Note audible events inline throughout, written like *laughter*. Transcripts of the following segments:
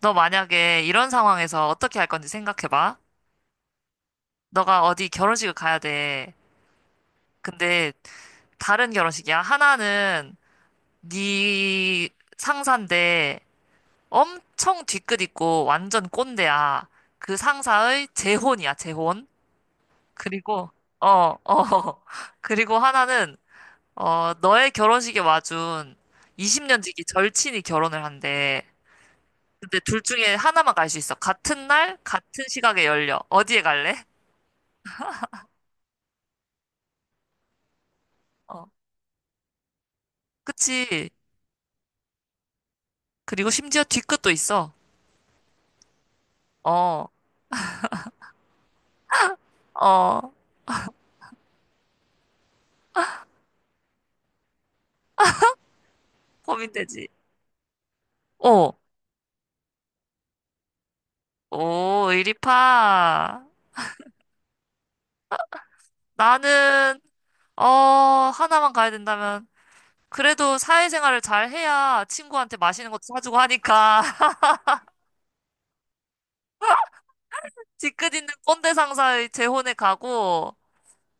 너 만약에 이런 상황에서 어떻게 할 건지 생각해봐. 너가 어디 결혼식을 가야 돼. 근데 다른 결혼식이야. 하나는 네 상사인데 엄청 뒤끝 있고 완전 꼰대야. 그 상사의 재혼이야, 재혼. 그리고 어, 어. *laughs* 그리고 하나는 어, 너의 결혼식에 와준 20년 지기 절친이 결혼을 한대. 근데 둘 중에 하나만 갈 수 있어. 같은 날, 같은 시각에 열려. 어디에 갈래? 어. 그치. 그리고 심지어 뒤끝도 있어. 어, 어, 고민되지. 어, 오, 이리파. 나는, 어, 하나만 가야 된다면. 그래도 사회생활을 잘 해야 친구한테 맛있는 것도 사주고 하니까. *laughs* 뒤끝 있는 꼰대 상사의 재혼에 가고,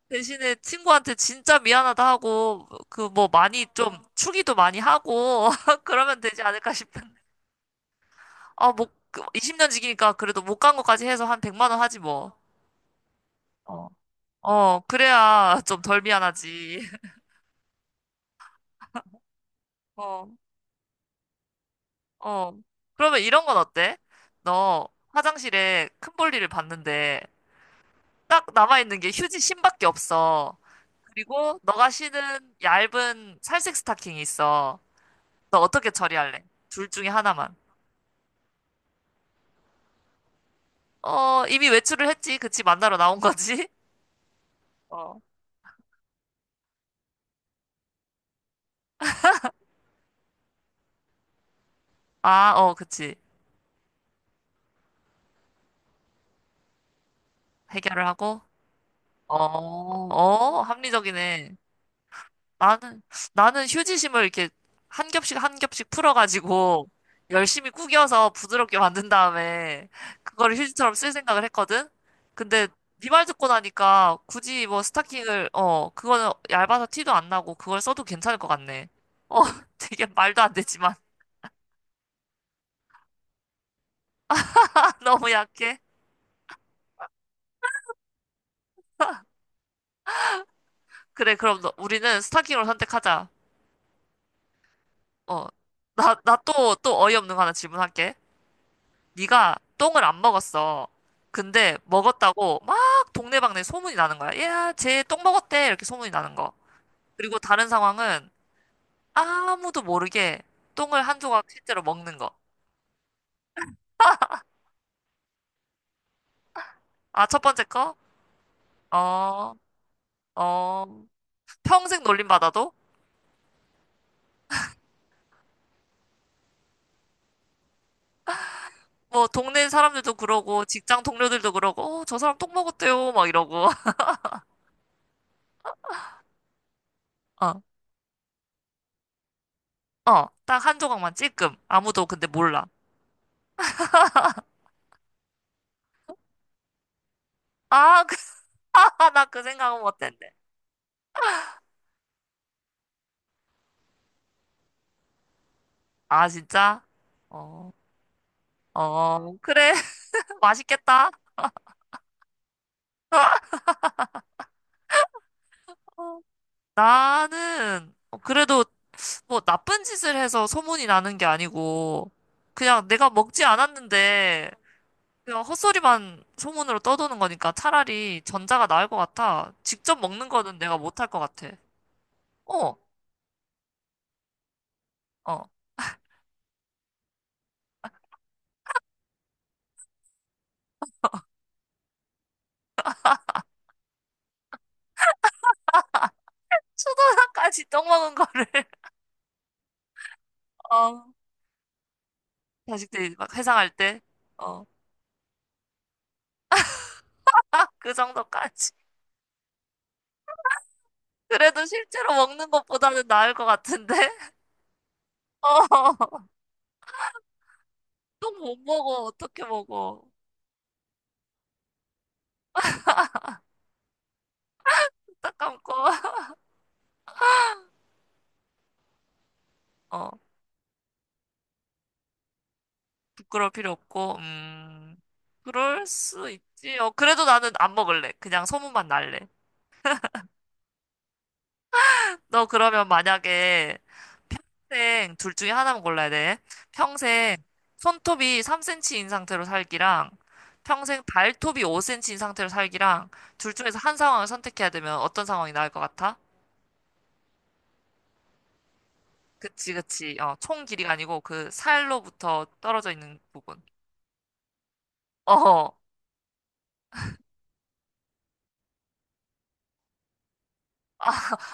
대신에 친구한테 진짜 미안하다 하고, 그 뭐 많이 좀, 축의도 많이 하고, *laughs* 그러면 되지 않을까 싶은데. 아, 뭐, 20년 지기니까 그래도 못 간 것까지 해서 한 100만 원 하지 뭐. 어, 어, 그래야 좀 덜 미안하지. *laughs* 어, 어. 그러면 이런 건 어때? 너 화장실에 큰 볼일을 봤는데 딱 남아있는 게 휴지 심밖에 없어. 그리고 너가 신은 얇은 살색 스타킹이 있어. 너 어떻게 처리할래? 둘 중에 하나만. 어, 이미 외출을 했지. 그치, 만나러 나온 거지? *laughs* 어. 아, 어, 그치. 해결을 하고? 어, 어, 합리적이네. 나는, 나는 휴지심을 이렇게 한 겹씩 한 겹씩 풀어가지고 열심히 구겨서 부드럽게 만든 다음에 그거를 휴지처럼 쓸 생각을 했거든? 근데 네 말 듣고 나니까 굳이 뭐 스타킹을, 어, 그거는 얇아서 티도 안 나고 그걸 써도 괜찮을 것 같네. 어, *laughs* 되게 말도 안 되지만. *laughs* 너무 약해. 그래, 그럼 너, 우리는 스타킹으로 선택하자. 어, 나 또, 또 어이없는 거 하나 질문할게. 네가 똥을 안 먹었어. 근데 먹었다고 막 동네방네 소문이 나는 거야. 야, 쟤 똥 먹었대. 이렇게 소문이 나는 거. 그리고 다른 상황은 아무도 모르게 똥을 한 조각 실제로 먹는 거. 아, 첫 번째 거? 어, 어, 평생 놀림받아도? 뭐, 동네 사람들도 그러고, 직장 동료들도 그러고, 어, 저 사람 똥 먹었대요. 막 이러고. *laughs* 어, 어, 딱 한 조각만 찔끔. 아무도 근데 몰라. 아, *laughs* 나 그 생각은 못했네. 아, 진짜? 어. 어, 그래. *laughs* 맛있겠다. 어, 나는 그래도 뭐 나쁜 짓을 해서 소문이 나는 게 아니고 그냥 내가 먹지 않았는데 그냥 헛소리만 소문으로 떠도는 거니까 차라리 전자가 나을 것 같아. 직접 먹는 거는 내가 못할 것 같아. 어, 어. 수도사까지 *laughs* 떡 먹은 거를 *laughs* 어, 자식들이 막 회상할 때 어, *laughs* 그 정도까지. 그래도 실제로 먹는 것보다는 나을 것 같은데. *laughs* 어. 똥 못 먹어. 어떻게 먹어? 딱 감고. *laughs* 어, 부끄러울 필요 없고, 그럴 수 있지. 어, 그래도 나는 안 먹을래. 그냥 소문만 날래. 너 그러면 만약에 평생 둘 중에 하나만 골라야 돼. 평생 손톱이 3cm인 상태로 살기랑 평생 발톱이 5cm인 상태로 살기랑 둘 중에서 한 상황을 선택해야 되면 어떤 상황이 나을 것 같아? 그치, 그치. 어, 총 길이가 아니고 그 살로부터 떨어져 있는 부분. 어허.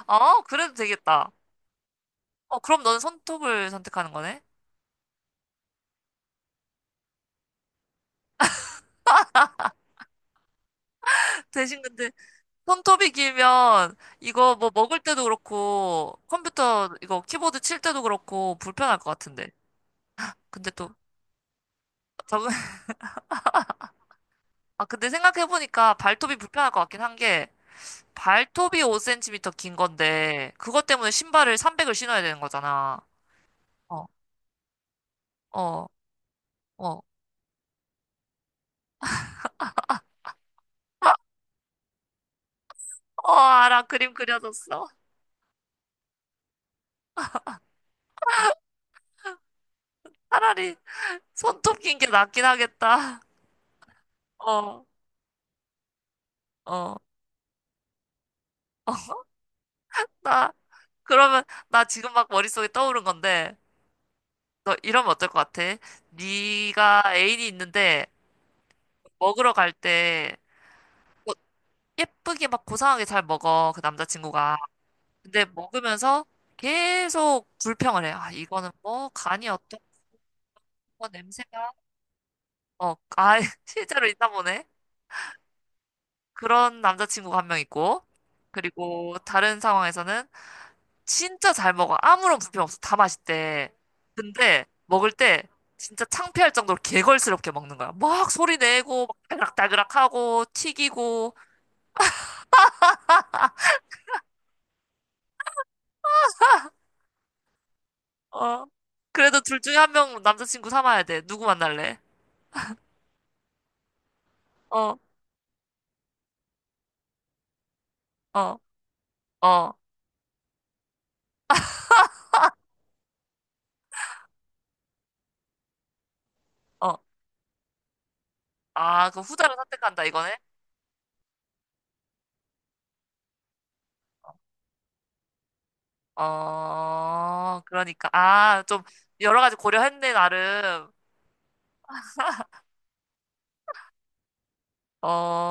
아, 그래도 되겠다. 어, 그럼 너는 손톱을 선택하는 거네? *laughs* 대신 근데 손톱이 길면 이거 뭐 먹을 때도 그렇고 컴퓨터 이거 키보드 칠 때도 그렇고 불편할 것 같은데. 근데 또, 적응- *laughs* 아, 근데 생각해보니까 발톱이 불편할 것 같긴 한 게 발톱이 5cm 긴 건데 그것 때문에 신발을 300을 신어야 되는 거잖아. 어, 어, 어. 어, 알아. 그림 그려졌어. 차라리 손톱 긴 게 낫긴 하겠다. *laughs* 어, 어. 나, 그러면, 나 지금 막 머릿속에 떠오른 건데, 너 이러면 어떨 것 같아? 네가 애인이 있는데, 먹으러 갈 때, 뭐 예쁘게 막 고상하게 잘 먹어, 그 남자친구가. 근데 먹으면서 계속 불평을 해. 아, 이거는 뭐, 간이 어떻고, 뭐 냄새가, 어, 아, *laughs* 실제로 있나 보네. 그런 남자친구가 한 명 있고, 그리고 다른 상황에서는, 진짜 잘 먹어. 아무런 불편 없어. 다 맛있대. 근데 먹을 때 진짜 창피할 정도로 개걸스럽게 먹는 거야. 막 소리 내고 막 따그락따그락 하고 튀기고 어. 그래도 둘 중에 한 명 남자친구 삼아야 돼. 누구 만날래? 어, 어, 어, 어. 아, 그 후자를 선택한다 이거네? 어, 그러니까. 아, 좀 여러 가지 고려했네, 나름. 어,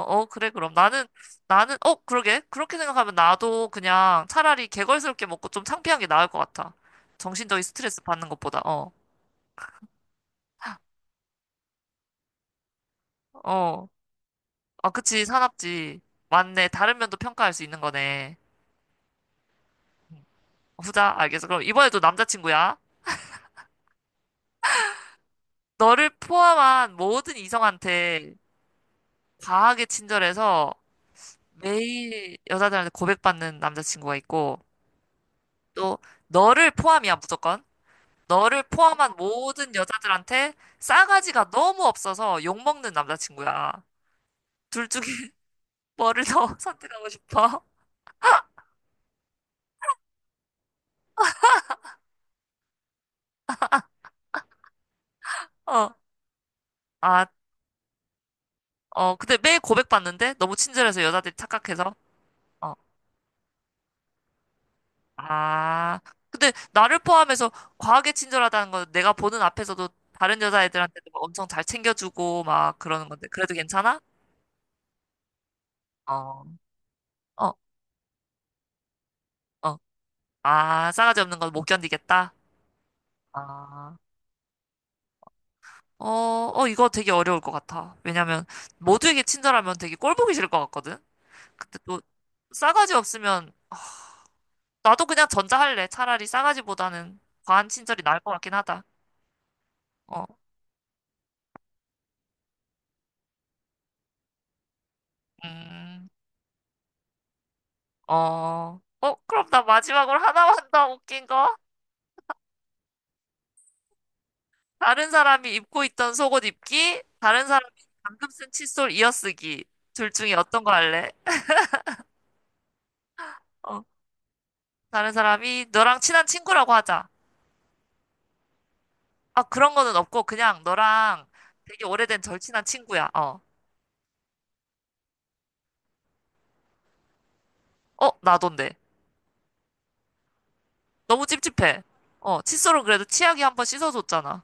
어, 그래, 그럼. 나는, 그러게. 그렇게 생각하면 나도 그냥 차라리 개걸스럽게 먹고 좀 창피한 게 나을 것 같아. 정신적인 스트레스 받는 것보다, 어, 어. 아, 그치, 사납지. 맞네. 다른 면도 평가할 수 있는 거네. 후자, 알겠어. 그럼 이번에도 남자친구야. 너를 포함한 모든 이성한테 과하게 친절해서 매일 여자들한테 고백받는 남자친구가 있고, 또, 너를 포함이야, 무조건. 너를 포함한 모든 여자들한테 싸가지가 너무 없어서 욕먹는 남자친구야. 둘 중에 *laughs* 뭐를 더 *laughs* 선택하고 싶어? 어. 아, 어, 근데 매일 고백받는데? 너무 친절해서 여자들이 착각해서? 어. 아. 근데 나를 포함해서 과하게 친절하다는 건 내가 보는 앞에서도 다른 여자애들한테도 막 엄청 잘 챙겨주고 막 그러는 건데. 그래도 괜찮아? 어. 어, 어. 아, 싸가지 없는 건 못 견디겠다? 아. 어, 어, 이거 되게 어려울 것 같아. 왜냐면 모두에게 친절하면 되게 꼴 보기 싫을 것 같거든? 근데 또 싸가지 없으면 아, 나도 그냥 전자할래. 차라리 싸가지보다는 과한 친절이 나을 것 같긴 하다. 어, 음, 어, 어, 그럼 나 마지막으로 하나만 더 웃긴 거? 다른 사람이 입고 있던 속옷 입기, 다른 사람이 방금 쓴 칫솔 이어쓰기. 둘 중에 어떤 거 할래? 어, 다른 사람이 너랑 친한 친구라고 하자. 아, 그런 거는 없고, 그냥 너랑 되게 오래된 절친한 친구야. 어. 어, 나던데. 너무 찝찝해. 어, 칫솔은 그래도 치약이 한번 씻어줬잖아.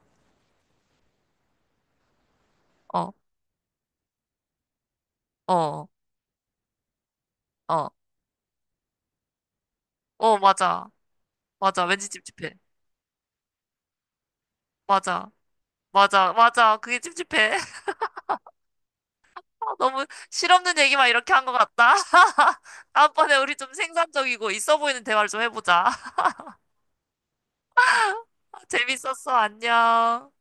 어, 어, 어. 어, 맞아. 맞아. 왠지 찝찝해. 맞아. 맞아. 맞아. 그게 찝찝해. *laughs* 어, 너무 실없는 얘기만 이렇게 한 것 같다. *laughs* 다음번에 우리 좀 생산적이고 있어 보이는 대화를 좀 해보자. *laughs* 재밌었어. 안녕.